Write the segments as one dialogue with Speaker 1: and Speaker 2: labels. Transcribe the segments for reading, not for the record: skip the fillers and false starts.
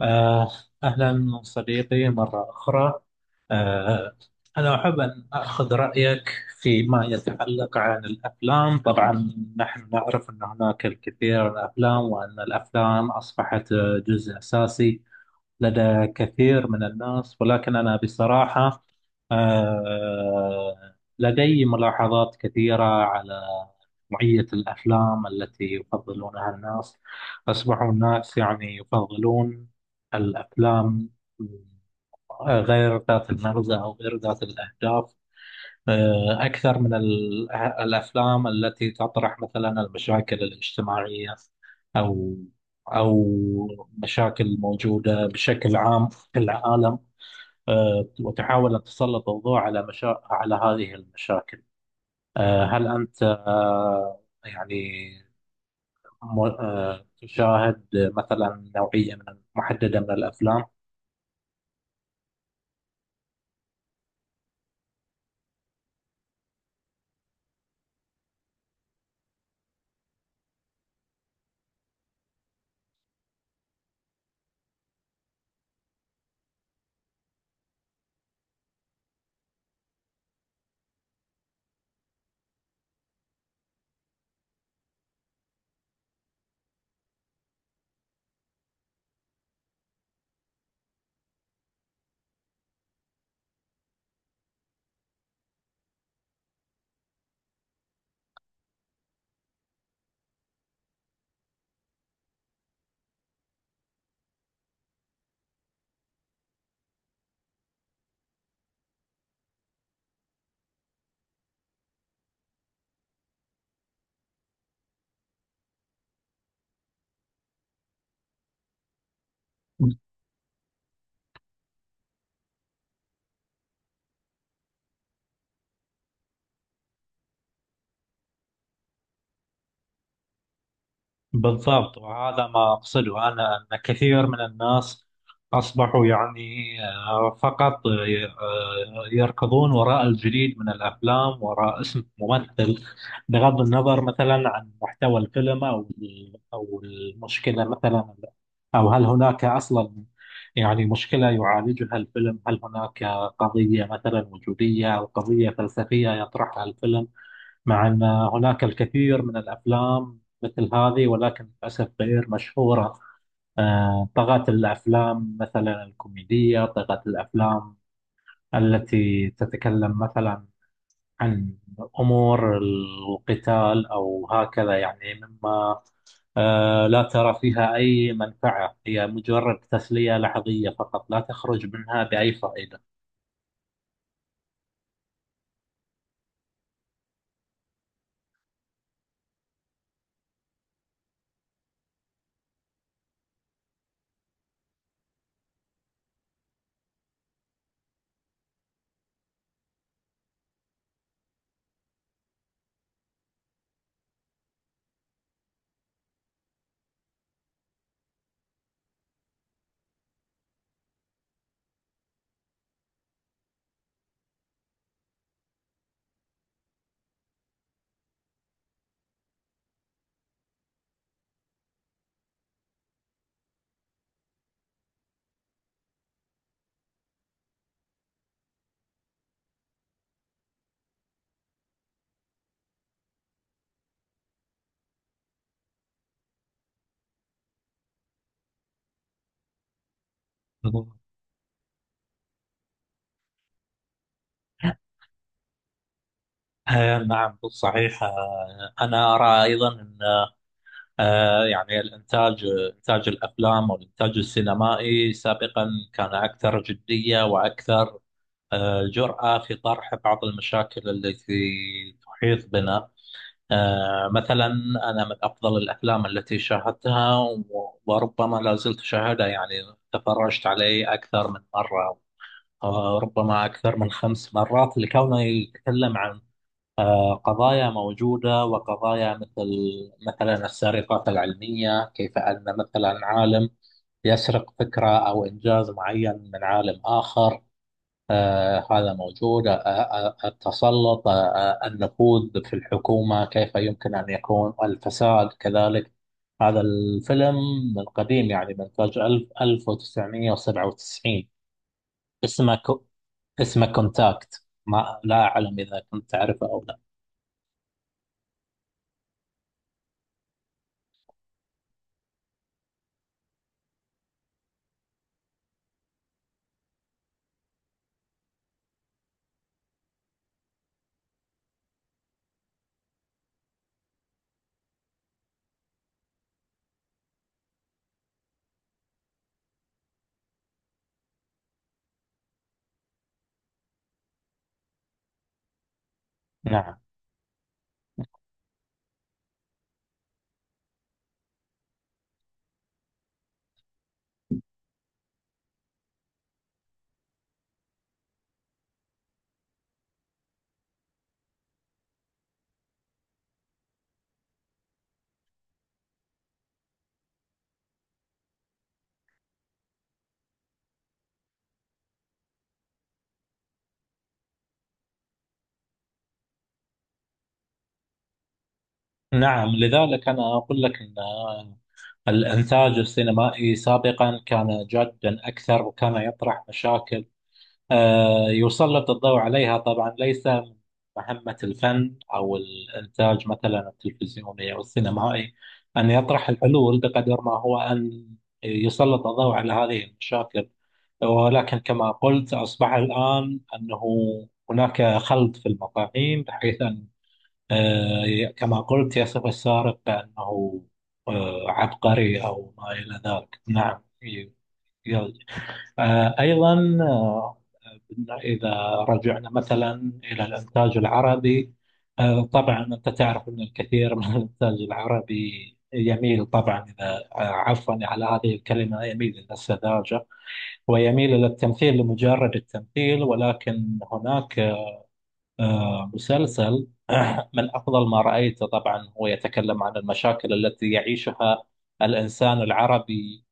Speaker 1: آه، أهلا صديقي مرة أخرى. آه، أنا أحب أن أخذ رأيك فيما يتعلق عن الأفلام. طبعا، نحن نعرف أن هناك الكثير من الأفلام، وأن الأفلام أصبحت جزء أساسي لدى كثير من الناس، ولكن أنا بصراحة آه، لدي ملاحظات كثيرة على نوعية الأفلام التي يفضلونها الناس. أصبحوا الناس يعني يفضلون الأفلام غير ذات المغزى أو غير ذات الأهداف، أكثر من الأفلام التي تطرح مثلا المشاكل الاجتماعية، أو أو مشاكل موجودة بشكل عام في العالم، وتحاول أن تسلط الضوء على على هذه المشاكل. هل أنت يعني تشاهد مثلا نوعية من محددة من الأفلام؟ بالضبط، وهذا ما أقصده. أنا أن كثير من الناس أصبحوا يعني فقط يركضون وراء الجديد من الأفلام، وراء اسم ممثل، بغض النظر مثلا عن محتوى الفيلم، أو المشكلة مثلا، أو هل هناك أصلا يعني مشكلة يعالجها الفيلم، هل هناك قضية مثلا وجودية أو قضية فلسفية يطرحها الفيلم. مع أن هناك الكثير من الأفلام مثل هذه، ولكن للأسف غير مشهورة. طغت الأفلام مثلا الكوميدية، طغت الأفلام التي تتكلم مثلا عن أمور القتال أو هكذا، يعني مما لا ترى فيها أي منفعة، هي مجرد تسلية لحظية فقط، لا تخرج منها بأي فائدة. نعم، صحيح. أنا أرى أيضا يعني الإنتاج، إنتاج الأفلام والإنتاج السينمائي سابقا كان أكثر جدية، وأكثر جرأة في طرح بعض المشاكل التي تحيط بنا. مثلا، أنا من أفضل الأفلام التي شاهدتها، وربما لا زلت أشاهدها، يعني تفرجت عليه أكثر من مرة، ربما أكثر من خمس مرات، لكونه يتكلم عن قضايا موجودة، وقضايا مثل مثلا السرقات العلمية، كيف أن مثلا عالم يسرق فكرة أو إنجاز معين من عالم آخر. هذا موجود. التسلط، النفوذ في الحكومة، كيف يمكن أن يكون الفساد كذلك. هذا الفيلم من قديم، يعني من إنتاج 1997، اسمه كو- اسمه كونتاكت. ما لا أعلم إذا كنت تعرفه أو لا. نعم، نعم. لذلك أنا أقول لك أن الإنتاج السينمائي سابقا كان جادا أكثر، وكان يطرح مشاكل، يسلط الضوء عليها. طبعا ليس من مهمة الفن أو الإنتاج مثلا التلفزيوني أو السينمائي أن يطرح الحلول، بقدر ما هو أن يسلط الضوء على هذه المشاكل. ولكن كما قلت، أصبح الآن أنه هناك خلط في المفاهيم، بحيث أن كما قلت يصف السارق بأنه عبقري أو ما إلى ذلك. نعم. ي- أيضا إذا رجعنا مثلا إلى الإنتاج العربي. طبعا أنت تعرف أن الكثير من الإنتاج العربي يميل طبعا، إذا عفوا على هذه الكلمة، يميل إلى السذاجة، ويميل إلى التمثيل لمجرد التمثيل. ولكن هناك مسلسل من أفضل ما رأيته. طبعا هو يتكلم عن المشاكل التي يعيشها الإنسان العربي،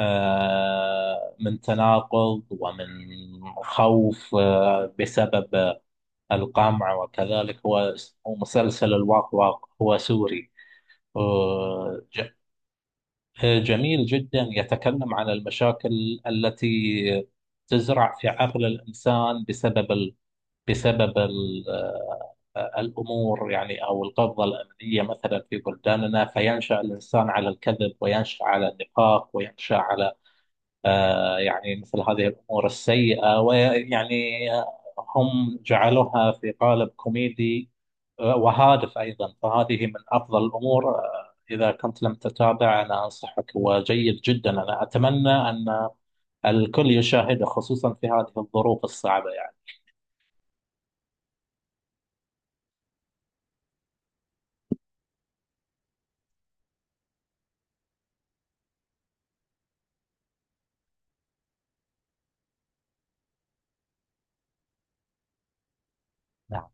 Speaker 1: من تناقض ومن خوف، بسبب القمع. وكذلك هو، هو مسلسل الواق واق، هو سوري. آه، ج- جميل جدا، يتكلم عن المشاكل التي تزرع في عقل الإنسان، بسبب الأمور، يعني أو القبضة الأمنية مثلا في بلداننا، فينشأ الإنسان على الكذب، وينشأ على النفاق، وينشأ على يعني مثل هذه الأمور السيئة. ويعني هم جعلوها في قالب كوميدي وهادف أيضا. فهذه من أفضل الأمور. إذا كنت لم تتابع، أنا أنصحك، وجيد جدا. أنا أتمنى أن الكل يشاهده، خصوصا في هذه الظروف الصعبة يعني. نعم،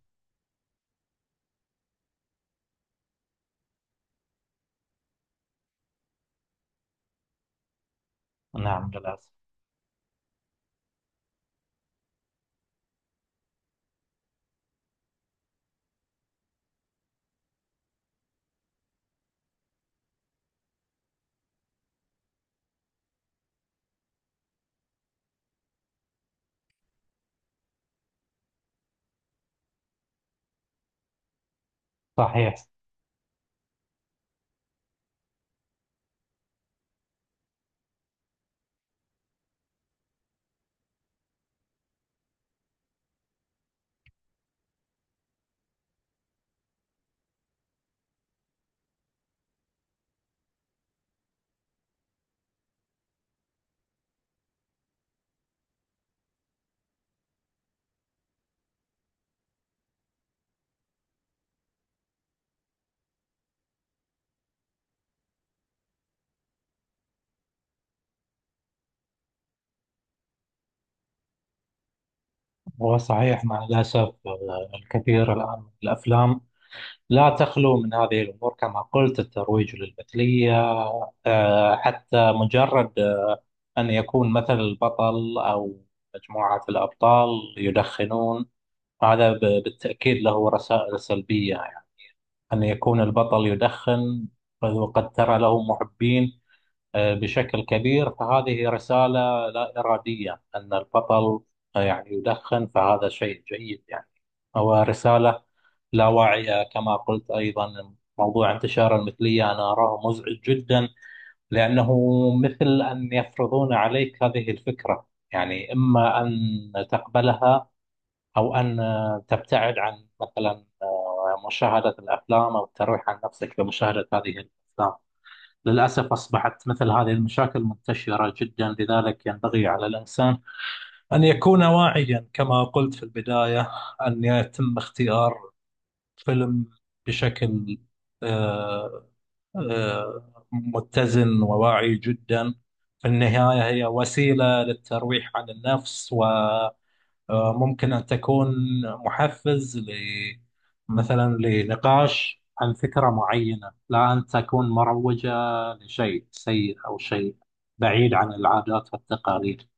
Speaker 1: نعم، للأسف. صحيح، هو صحيح مع الأسف. الكثير الآن من الأفلام لا تخلو من هذه الأمور، كما قلت الترويج للمثلية. حتى مجرد أن يكون مثل البطل أو مجموعة الأبطال يدخنون، هذا بالتأكيد له رسائل سلبية يعني، أن يكون البطل يدخن وقد ترى له محبين بشكل كبير، فهذه رسالة لا إرادية، أن البطل يعني يدخن فهذا شيء جيد يعني، هو رسالة لا واعية. كما قلت أيضا، موضوع انتشار المثلية أنا أراه مزعج جدا، لأنه مثل أن يفرضون عليك هذه الفكرة، يعني إما أن تقبلها أو أن تبتعد عن مثلا مشاهدة الأفلام، أو الترويح عن نفسك بمشاهدة هذه الأفلام. للأسف أصبحت مثل هذه المشاكل منتشرة جدا، لذلك ينبغي على الإنسان أن يكون واعيا كما قلت في البداية، أن يتم اختيار فيلم بشكل آه، متزن وواعي جدا. في النهاية هي وسيلة للترويح عن النفس، و ممكن أن تكون محفز ل مثلا لنقاش عن فكرة معينة، لا أن تكون مروجة لشيء سيء أو شيء بعيد عن العادات والتقاليد.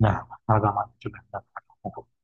Speaker 1: نعم، هذا ما يجب أن نفعله.